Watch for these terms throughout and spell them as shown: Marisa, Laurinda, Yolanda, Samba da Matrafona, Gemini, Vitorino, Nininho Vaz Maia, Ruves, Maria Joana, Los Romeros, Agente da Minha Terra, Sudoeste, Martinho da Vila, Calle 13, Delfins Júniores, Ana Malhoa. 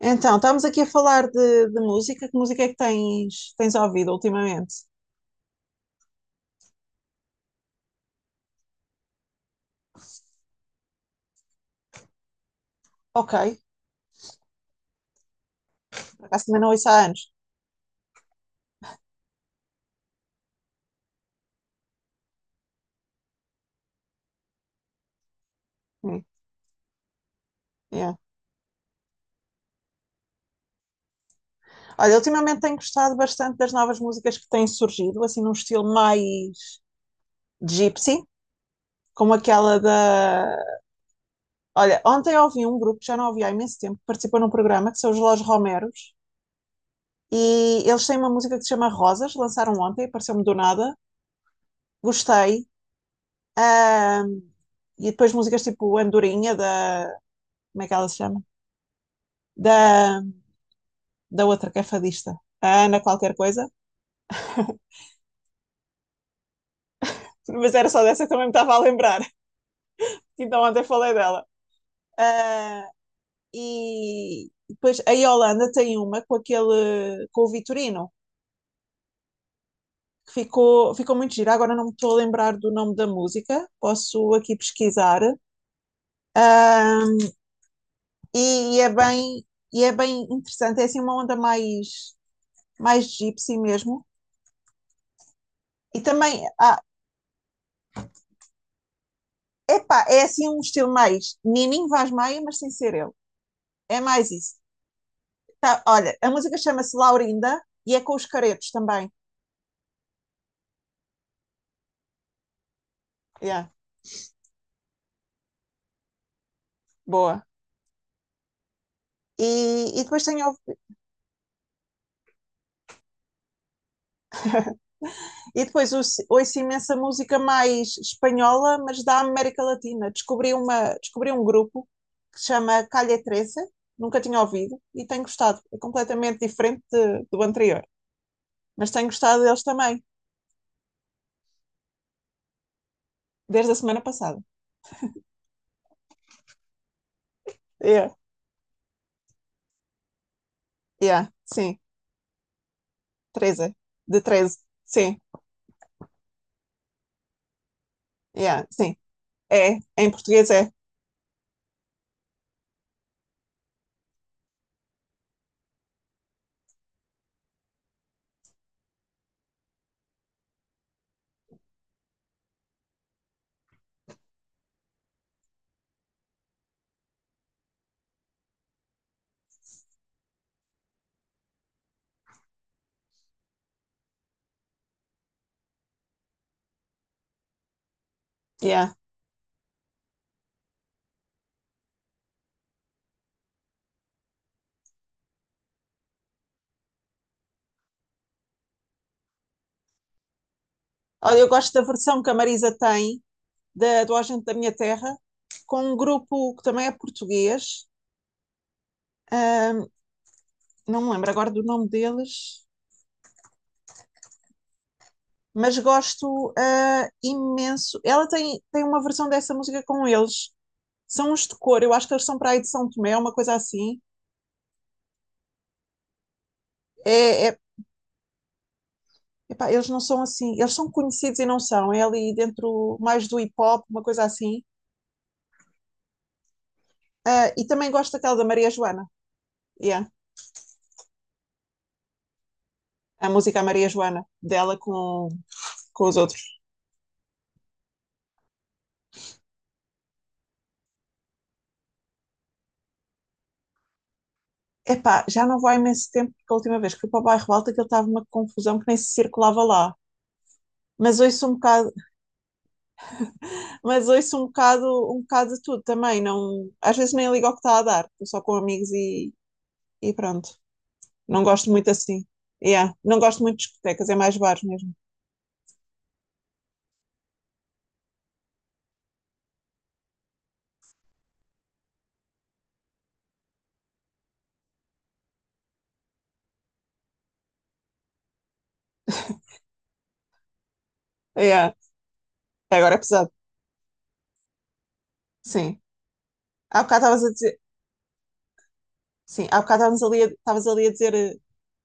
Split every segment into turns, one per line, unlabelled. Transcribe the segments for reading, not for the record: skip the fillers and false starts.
Então, estamos aqui a falar de música. Que música é que tens ouvido ultimamente? Ok, por acaso também não ouço há anos. Hum, yeah. Olha, ultimamente tenho gostado bastante das novas músicas que têm surgido, assim num estilo mais gypsy, como aquela da. Olha, ontem ouvi um grupo que já não ouvi há imenso tempo, que participou num programa, que são os Los Romeros, e eles têm uma música que se chama Rosas, lançaram ontem, apareceu-me do nada, gostei. Ahm, e depois músicas tipo Andorinha, da. Como é que ela se chama? da, da outra que é fadista, a Ana qualquer coisa, mas era só dessa que também me estava a lembrar, então ontem falei dela. Ah, e depois a Yolanda tem uma com aquele, com o Vitorino, que ficou muito gira, agora não me estou a lembrar do nome da música, posso aqui pesquisar. Ah, e é bem, e é bem interessante, é assim uma onda mais, mais gypsy mesmo. E também, epá, é assim um estilo mais Nininho Vaz Maia, mas sem ser ele. É mais isso. Tá, olha, a música chama-se Laurinda e é com os caretos também. Yeah, boa. E depois tenho, e depois ouço, ouço imensa música mais espanhola, mas da América Latina. Descobri, uma, descobri um grupo que se chama Calle 13, nunca tinha ouvido e tenho gostado. É completamente diferente de- do anterior, mas tenho gostado deles também, desde a semana passada. Yeah. Yeah, sim, 13, de 13, sim, yeah, sim. É, em português é. Yeah. Olha, eu gosto da versão que a Marisa tem do Agente da Minha Terra, com um grupo que também é português, ahm, não me lembro agora do nome deles, mas gosto imenso. Ela tem uma versão dessa música com eles, são uns de cor, eu acho que eles são para aí de São Tomé, uma coisa assim. É, é- epá, eles não são assim, eles são conhecidos e não são, é ali dentro mais do hip hop, uma coisa assim. Ah, e também gosto daquela da Maria Joana, yeah, a música à Maria Joana, dela com os outros. Epá, já não vou há imenso tempo, porque a última vez que fui para o bairro Alto aquilo estava uma confusão que nem se circulava lá. Mas ouço um bocado, mas ouço um bocado, um bocado de tudo também. Não, às vezes nem ligo ao que está a dar, estou só com amigos e pronto. Não gosto muito assim. Yeah. Não gosto muito de discotecas, é mais bares mesmo. Yeah. Agora é pesado. Sim. Há bocado estavas a dizer. Sim, há bocado estavas ali a dizer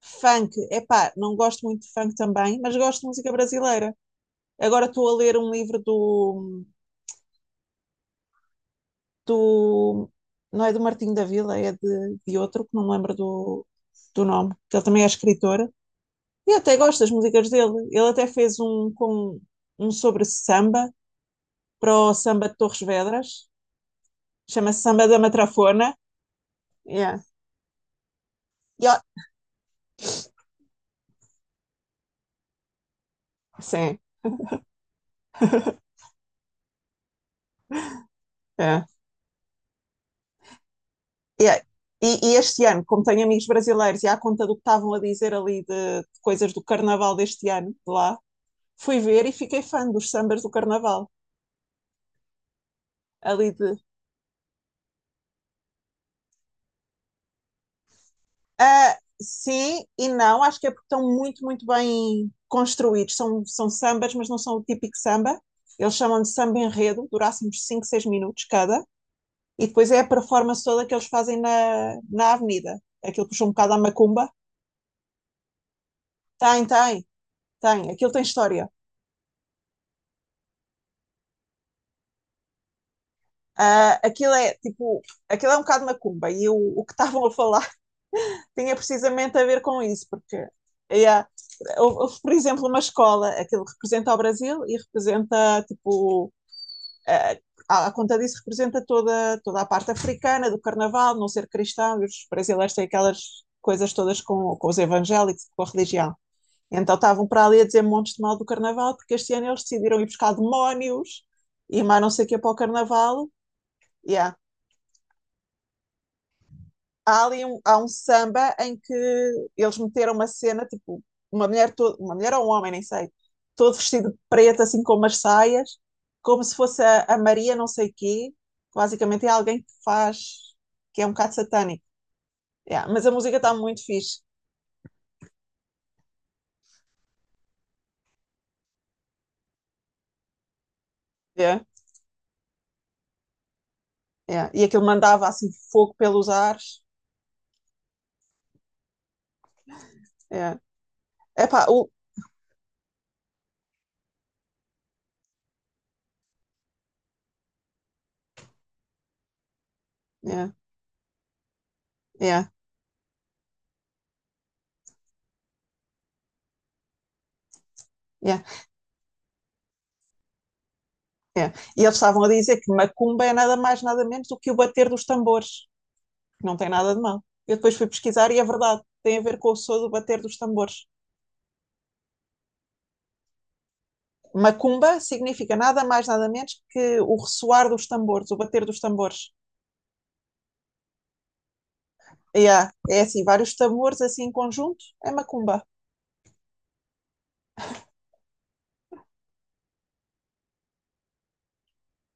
funk. Epá, não gosto muito de funk também, mas gosto de música brasileira. Agora estou a ler um livro do. Não é do Martinho da Vila, é de outro, que não me lembro do, do nome, que ele também é escritor. E eu até gosto das músicas dele. Ele até fez um, com, um sobre samba, para o samba de Torres Vedras, chama-se Samba da Matrafona. Yeah. E ó- Sim, é. Yeah. E este ano, como tenho amigos brasileiros e à conta do que estavam a dizer ali de coisas do carnaval deste ano, de lá, fui ver e fiquei fã dos sambas do carnaval, ali de. Ah, sim e não, acho que é porque estão muito bem construídos. São sambas, mas não são o típico samba. Eles chamam de samba enredo, durasse uns 5 6 minutos cada. E depois é a performance toda que eles fazem na avenida. Aquilo puxa um bocado à macumba. Tem, tem, tem. Aquilo tem história. Ah, aquilo é tipo, aquilo é um bocado macumba. E o que estavam a falar tinha precisamente a ver com isso, porque yeah, por exemplo, uma escola, aquilo representa o Brasil e representa tipo. Ah, a conta disso representa toda a parte africana do carnaval, não ser cristão, e os brasileiros têm aquelas coisas todas com os evangélicos, com a religião. Então estavam para ali a dizer montes de mal do carnaval, porque este ano eles decidiram ir buscar demónios e mais não sei o que para o carnaval. Yeah. Há ali um, há um samba em que eles meteram uma cena, tipo, uma mulher, toda, uma mulher ou um homem, nem sei, todo vestido de preto, assim com umas saias, como se fosse a Maria não sei quê, que basicamente é alguém que faz, que é um bocado satânico. Yeah, mas a música está muito fixe. Yeah, yeah. E aquilo mandava assim fogo pelos ares. Yeah. Epá, yeah, yeah, yeah, yeah. E eles estavam a dizer que macumba é nada mais, nada menos do que o bater dos tambores. Não tem nada de mal. Eu depois fui pesquisar e é verdade, tem a ver com o som do bater dos tambores. Macumba significa nada mais, nada menos que o ressoar dos tambores, o bater dos tambores. Yeah, é assim, vários tambores assim em conjunto, é macumba.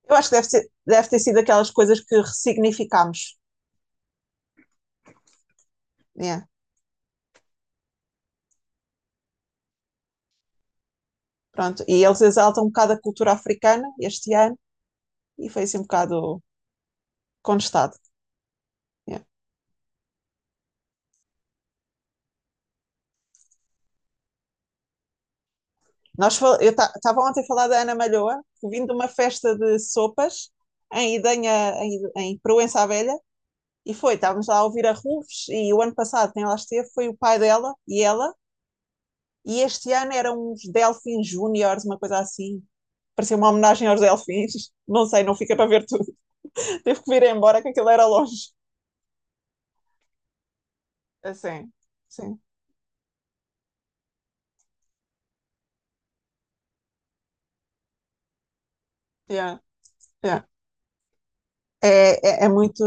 Eu acho que ser, deve ter sido aquelas coisas que ressignificámos. Yeah, pronto. E eles exaltam um bocado a cultura africana este ano e foi assim um bocado contestado. Yeah. Nós, fal- eu estava ontem a falar da Ana Malhoa, que vim de uma festa de sopas em Idenha, em Proença à Velha, e foi, estávamos lá a ouvir a Ruves, e o ano passado quem lá esteve foi o pai dela e ela, e este ano eram uns Delfins Júniores, uma coisa assim. Parecia uma homenagem aos Delfins. Não sei, não fica para ver tudo. Teve que vir embora, que aquilo era longe. Assim, sim. Yeah, yeah. É muito.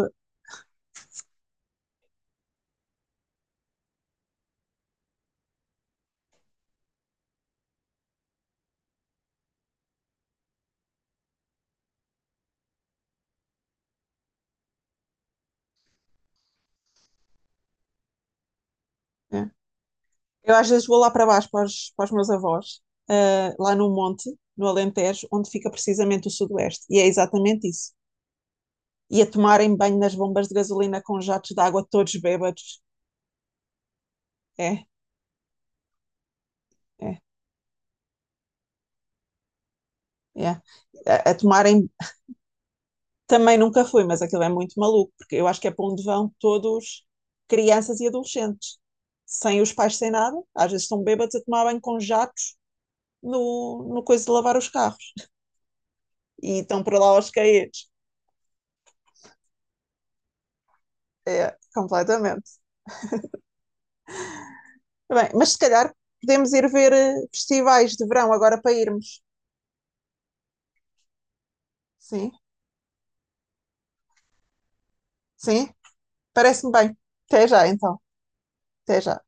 É. Eu às vezes vou lá para baixo para os meus avós, lá no monte, no Alentejo, onde fica precisamente o Sudoeste. E é exatamente isso. E a tomarem banho nas bombas de gasolina com jatos de água todos bêbados. É, é, é. A tomarem. Também nunca fui, mas aquilo é muito maluco, porque eu acho que é para onde vão todos crianças e adolescentes, sem os pais, sem nada. Às vezes estão bêbados a tomar banho com jatos no coisa de lavar os carros. E estão para lá aos caídos. É, completamente. Bem, mas se calhar podemos ir ver festivais de verão agora para irmos. Sim, sim, parece-me bem. Até já então, até já.